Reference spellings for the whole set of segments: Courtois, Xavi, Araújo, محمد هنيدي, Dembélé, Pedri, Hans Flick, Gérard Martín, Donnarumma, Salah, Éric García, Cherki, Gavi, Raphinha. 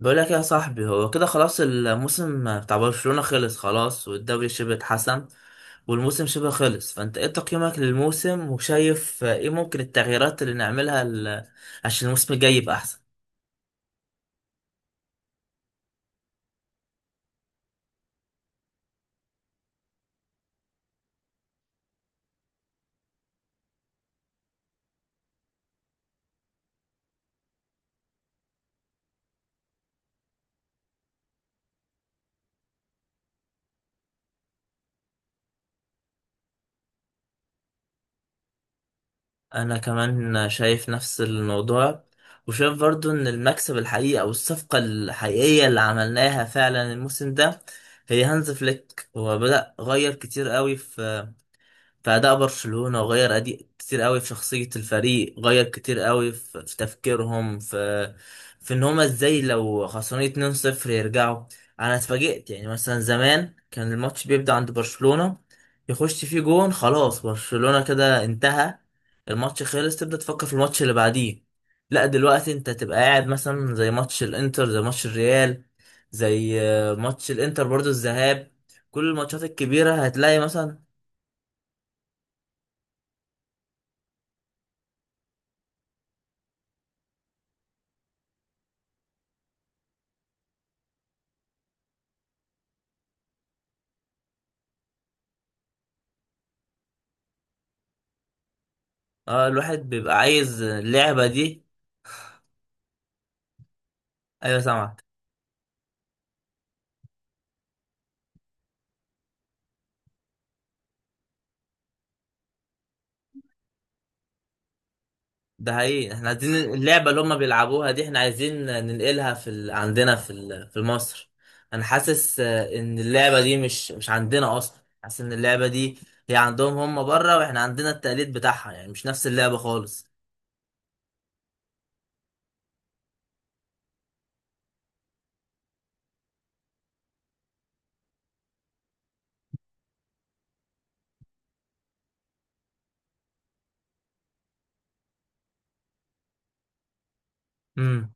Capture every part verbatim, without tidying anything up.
بقول لك يا صاحبي، هو كده خلاص الموسم بتاع برشلونة خلص خلاص، والدوري شبه اتحسم والموسم شبه خلص. فانت ايه تقييمك للموسم وشايف ايه ممكن التغييرات اللي نعملها ال- عشان الموسم الجاي يبقى احسن. انا كمان شايف نفس الموضوع، وشايف برضو ان المكسب الحقيقي او الصفقة الحقيقية اللي عملناها فعلا الموسم ده هي هانز فليك. هو بدأ غير كتير قوي في في أداء برشلونة، وغير أدي كتير قوي في شخصية الفريق، غير كتير قوي في, في تفكيرهم في في إن هما إزاي لو خسرانين اتنين صفر يرجعوا. أنا اتفاجئت، يعني مثلا زمان كان الماتش بيبدأ عند برشلونة يخش فيه جون خلاص برشلونة كده انتهى، الماتش خلص، تبدأ تفكر في الماتش اللي بعديه. لا دلوقتي انت تبقى قاعد مثلا زي ماتش الانتر، زي ماتش الريال، زي آه، ماتش الانتر برضو الذهاب، كل الماتشات الكبيرة هتلاقي مثلا. اه الواحد بيبقى عايز اللعبة دي. ايوه سامعك. ده حقيقي، احنا عايزين اللعبة اللي هما بيلعبوها دي، احنا عايزين ننقلها في ال... عندنا في ال... في مصر. انا حاسس آه، ان اللعبة دي مش مش عندنا اصلا، حاسس ان اللعبة دي هي عندهم هما بره، واحنا عندنا التقليد بتاعها يعني مش نفس اللعبة خالص. امم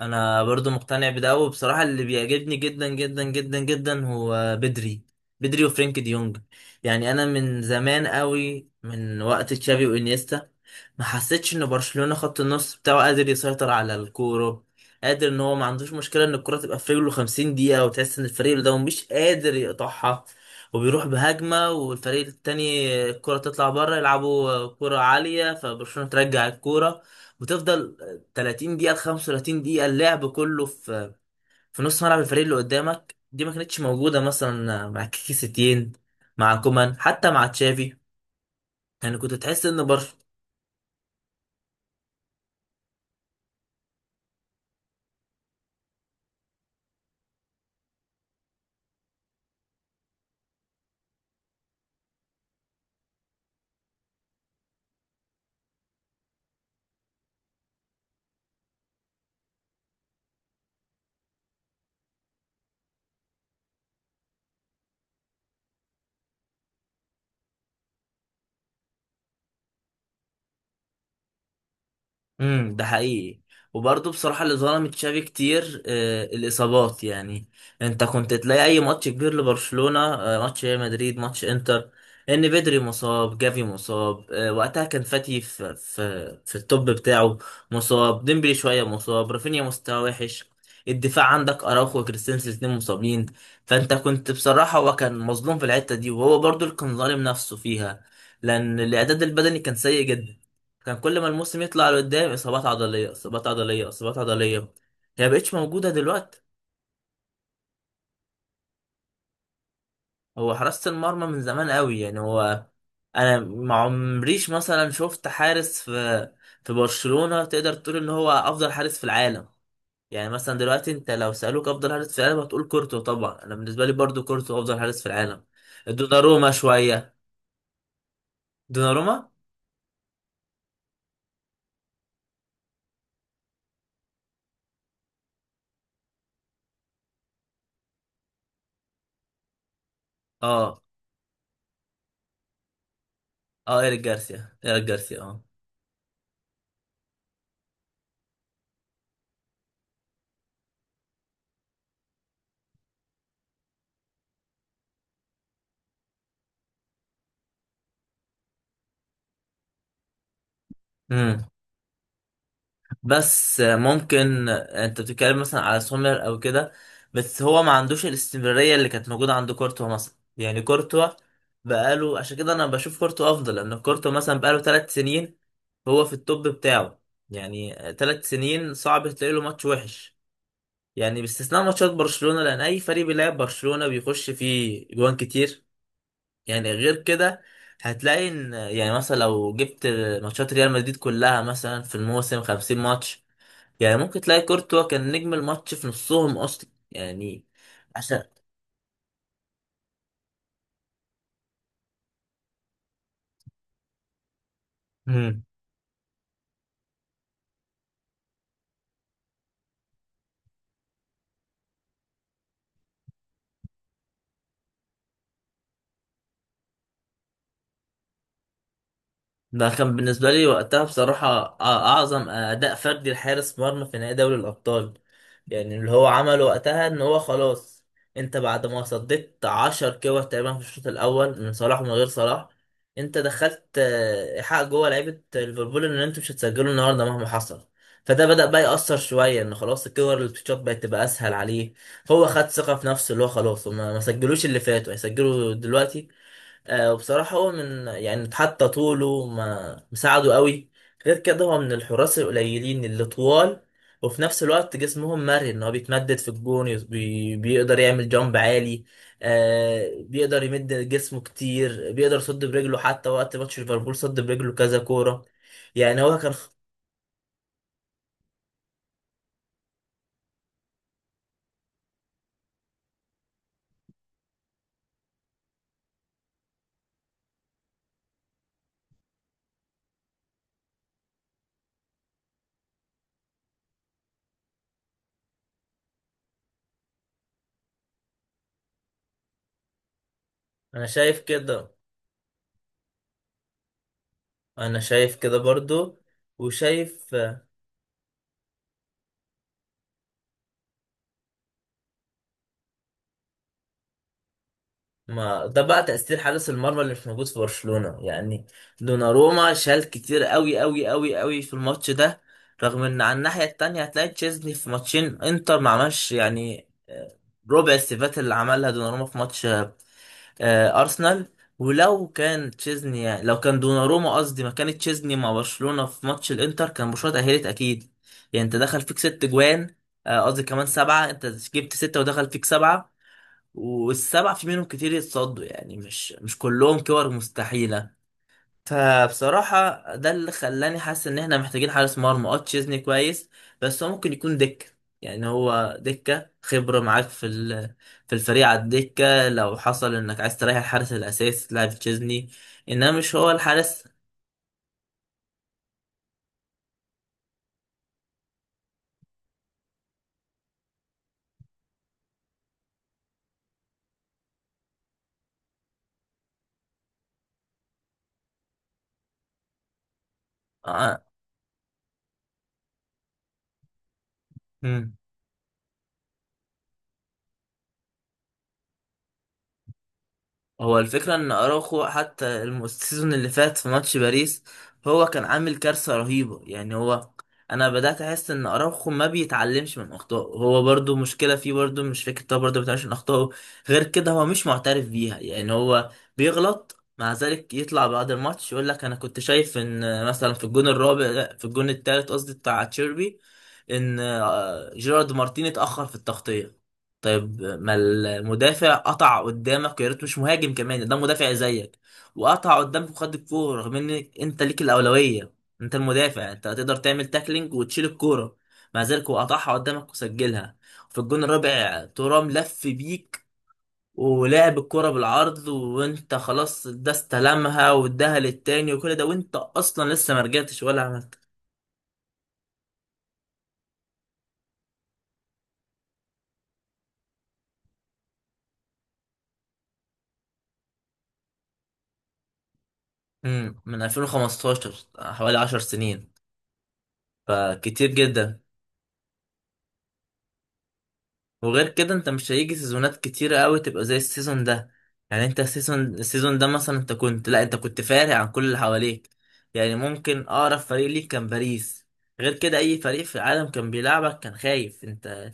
انا برضو مقتنع بده، وبصراحة اللي بيعجبني جدا جدا جدا جدا هو بدري. بدري وفرينك دي يونج. يعني انا من زمان قوي، من وقت تشافي وانيستا، ما حسيتش ان برشلونة خط النص بتاعه قادر يسيطر على الكورة، قادر ان هو ما عندوش مشكلة ان الكرة تبقى في رجله خمسين دقيقة، وتحس ان الفريق اللي قدامه مش قادر يقطعها، وبيروح بهجمة والفريق التاني الكرة تطلع بره يلعبوا كرة عالية فبرشلونة ترجع الكرة وتفضل ثلاثين دقيقة ل خمسة وثلاثين دقيقة اللعب كله في في نص ملعب الفريق اللي قدامك. دي ما كانتش موجودة مثلا مع كيكي ستين، مع كومان، حتى مع تشافي. يعني كنت تحس ان برشلونة. امم ده حقيقي. وبرضه بصراحة اللي ظلم تشافي كتير آه الإصابات يعني. أنت كنت تلاقي أي ماتش كبير لبرشلونة، آه ماتش ريال مدريد، ماتش إنتر، إن بدري مصاب، جافي مصاب، آه وقتها كان فاتي في في في التوب بتاعه مصاب، ديمبلي شوية مصاب، رافينيا مستواه وحش، الدفاع عندك أراوخو وكريستنسن الاتنين مصابين. فأنت كنت بصراحة، هو كان مظلوم في الحتة دي، وهو برضه اللي كان ظالم نفسه فيها، لأن الإعداد البدني كان سيء جدا. كان كل ما الموسم يطلع لقدام اصابات عضليه، اصابات عضليه، اصابات عضليه. هي مبقتش موجوده دلوقتي. هو حراسه المرمى من زمان قوي، يعني هو انا ما عمريش مثلا شفت حارس في في برشلونه تقدر تقول ان هو افضل حارس في العالم. يعني مثلا دلوقتي انت لو سالوك افضل حارس في العالم هتقول كورتو طبعا. انا بالنسبه لي برضو كورتو افضل حارس في العالم. دوناروما شويه. دوناروما. اه. اه ايريك جارسيا، ايريك جارسيا، اه. مم. بس ممكن انت بتتكلم مثلا على سومر او كده، بس هو ما عندوش الاستمرارية اللي كانت موجودة عند كورتوا مثلا. يعني كورتوا بقاله، عشان كده انا بشوف كورتوا افضل، لان كورتوا مثلا بقاله ثلاث سنين هو في التوب بتاعه. يعني ثلاث سنين صعب تلاقي له ماتش وحش، يعني باستثناء ماتشات برشلونة، لان اي فريق بيلعب برشلونة بيخش فيه جوان كتير. يعني غير كده هتلاقي ان، يعني مثلا لو جبت ماتشات ريال مدريد كلها مثلا في الموسم خمسين ماتش، يعني ممكن تلاقي كورتوا كان نجم الماتش في نصهم اصلا يعني. عشان. مم. ده كان بالنسبة لي وقتها بصراحة أ- أعظم أداء فردي لحارس مرمى في نهائي دوري الأبطال. يعني اللي هو عمله وقتها إن هو خلاص، أنت بعد ما صديت عشر كور تقريبا في الشوط الأول من صلاح ومن غير صلاح، أنت دخلت آه، إيحاء جوه لعيبة ليفربول إن أنتوا مش هتسجلوا النهاردة مهما حصل. فده بدأ بقى يأثر شوية، إن خلاص الكور اللي بتتشوط بقت تبقى أسهل عليه، هو خد ثقة في نفسه اللي هو خلاص، وما ما سجلوش اللي فاتوا هيسجلوا دلوقتي. آه، وبصراحة هو من، يعني حتى طوله ما مساعده قوي. غير كده هو من الحراس القليلين اللي طوال وفي نفس الوقت جسمهم مرن، هو بيتمدد في الجون، يس- بي... بيقدر يعمل جامب عالي. آه بيقدر يمد جسمه كتير، بيقدر يصد برجله، حتى وقت ماتش ليفربول صد برجله كذا كورة. يعني هو كان. انا شايف كده. انا شايف كده برضو، وشايف. ما ده بقى تأثير حارس المرمى اللي مش موجود في برشلونة يعني. دوناروما شال كتير قوي قوي قوي قوي في الماتش ده، رغم ان على الناحية التانية هتلاقي تشيزني في ماتشين انتر ما عملش يعني آه، ربع السيفات اللي عملها دوناروما في ماتش آه، أرسنال. ولو كان تشيزني، يعني لو كان دوناروما قصدي، ما كانت تشيزني مع برشلونة في ماتش الانتر كان برشلونة تأهلت أكيد. يعني انت دخل فيك ست جوان، آه، قصدي كمان سبعة، انت جبت ستة ودخل فيك سبعة، والسبع في منهم كتير يتصدوا، يعني مش مش كلهم كور مستحيلة. فبصراحة ده اللي خلاني حاسس ان احنا محتاجين حارس مرمى. اه تشيزني كويس، بس هو ممكن يكون دكة، يعني هو دكة خبرة معاك في ال- في الفريق، على الدكة، لو حصل انك عايز تريح الحارس الاساسي تلعب تشيزني، انما مش هو الحارس. آه. هو الفكرة ان اراوخو حتى الم- السيزون اللي فات في ماتش باريس هو كان عامل كارثة رهيبة. يعني هو انا بدأت احس ان اراوخو ما بيتعلمش من اخطائه، هو برضو مشكلة فيه، برضو مش فكرة، هو برضو ما بيتعلمش من اخطائه. غير كده هو مش معترف بيها، يعني هو بيغلط، مع ذلك يطلع بعد الماتش يقول لك انا كنت شايف ان مثلا في الجون الرابع، لا، في الجون التالت قصدي، بتاع تشيربي، ان آه، جيرارد مارتين اتأخر في التغطية. طيب ما المدافع قطع قدامك، يا ريت مش مهاجم كمان، ده مدافع زيك وقطع قدامك وخد الكوره، رغم ان انت ليك الاولويه، انت المدافع، انت هتقدر تعمل تاكلينج وتشيل الكوره، مع ذلك هو قطعها قدامك وسجلها. في الجون الرابع ترام لف بيك، ولعب الكوره بالعرض، وانت خلاص ده استلمها واداها للتاني وكل ده وانت اصلا لسه ما رجعتش ولا عملت. مم، من ألفين وخمسة عشر، حوالي عشر سنين، فكتير جدا. وغير كده انت مش هيجي سيزونات كتيرة قوي تبقى زي السيزون ده. يعني انت السيزون، السيزون ده مثلا انت كنت، لا انت كنت فارق عن كل اللي حواليك، يعني ممكن اقرب فريق ليك كان باريس. غير كده اي فريق في العالم كان بيلعبك كان خايف انت،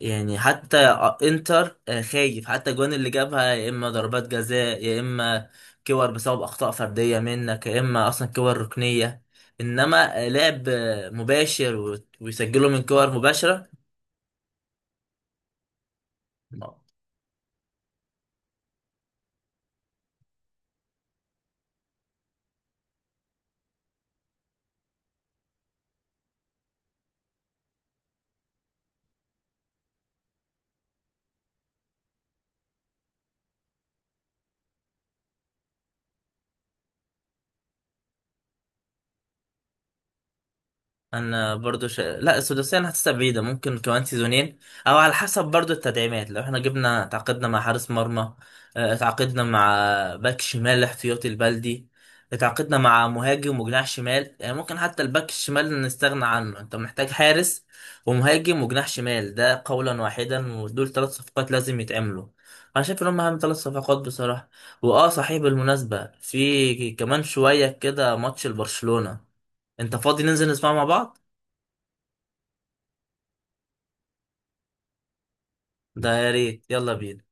يعني حتى انتر آه، خايف، حتى الجوان اللي جابها يا اما ضربات جزاء، يا اما كور بسبب اخطاء فرديه منك، يا اما اصلا كور ركنيه. انما آه، لعب آه، مباشر وت- ويسجلوا من كور مباشره. انا برضو ش... لا السداسيه انا حاسسها بعيده، ممكن كمان سيزونين، او على حسب برضو التدعيمات. لو احنا جبنا، تعاقدنا مع حارس مرمى، آه، اتعاقدنا مع باك شمال احتياطي البلدي، اتعاقدنا مع مهاجم وجناح شمال، يعني ممكن حتى الباك الشمال نستغنى عنه، انت محتاج حارس ومهاجم وجناح شمال ده قولا واحدا، ودول ثلاث صفقات لازم يتعملوا. انا شايف ان هم اهم ثلاث صفقات بصراحه. واه صحيح، بالمناسبه في كمان شويه كده ماتش لبرشلونه، انت فاضي ننزل نسمعه مع بعض؟ ده يا ريت، يلا بينا.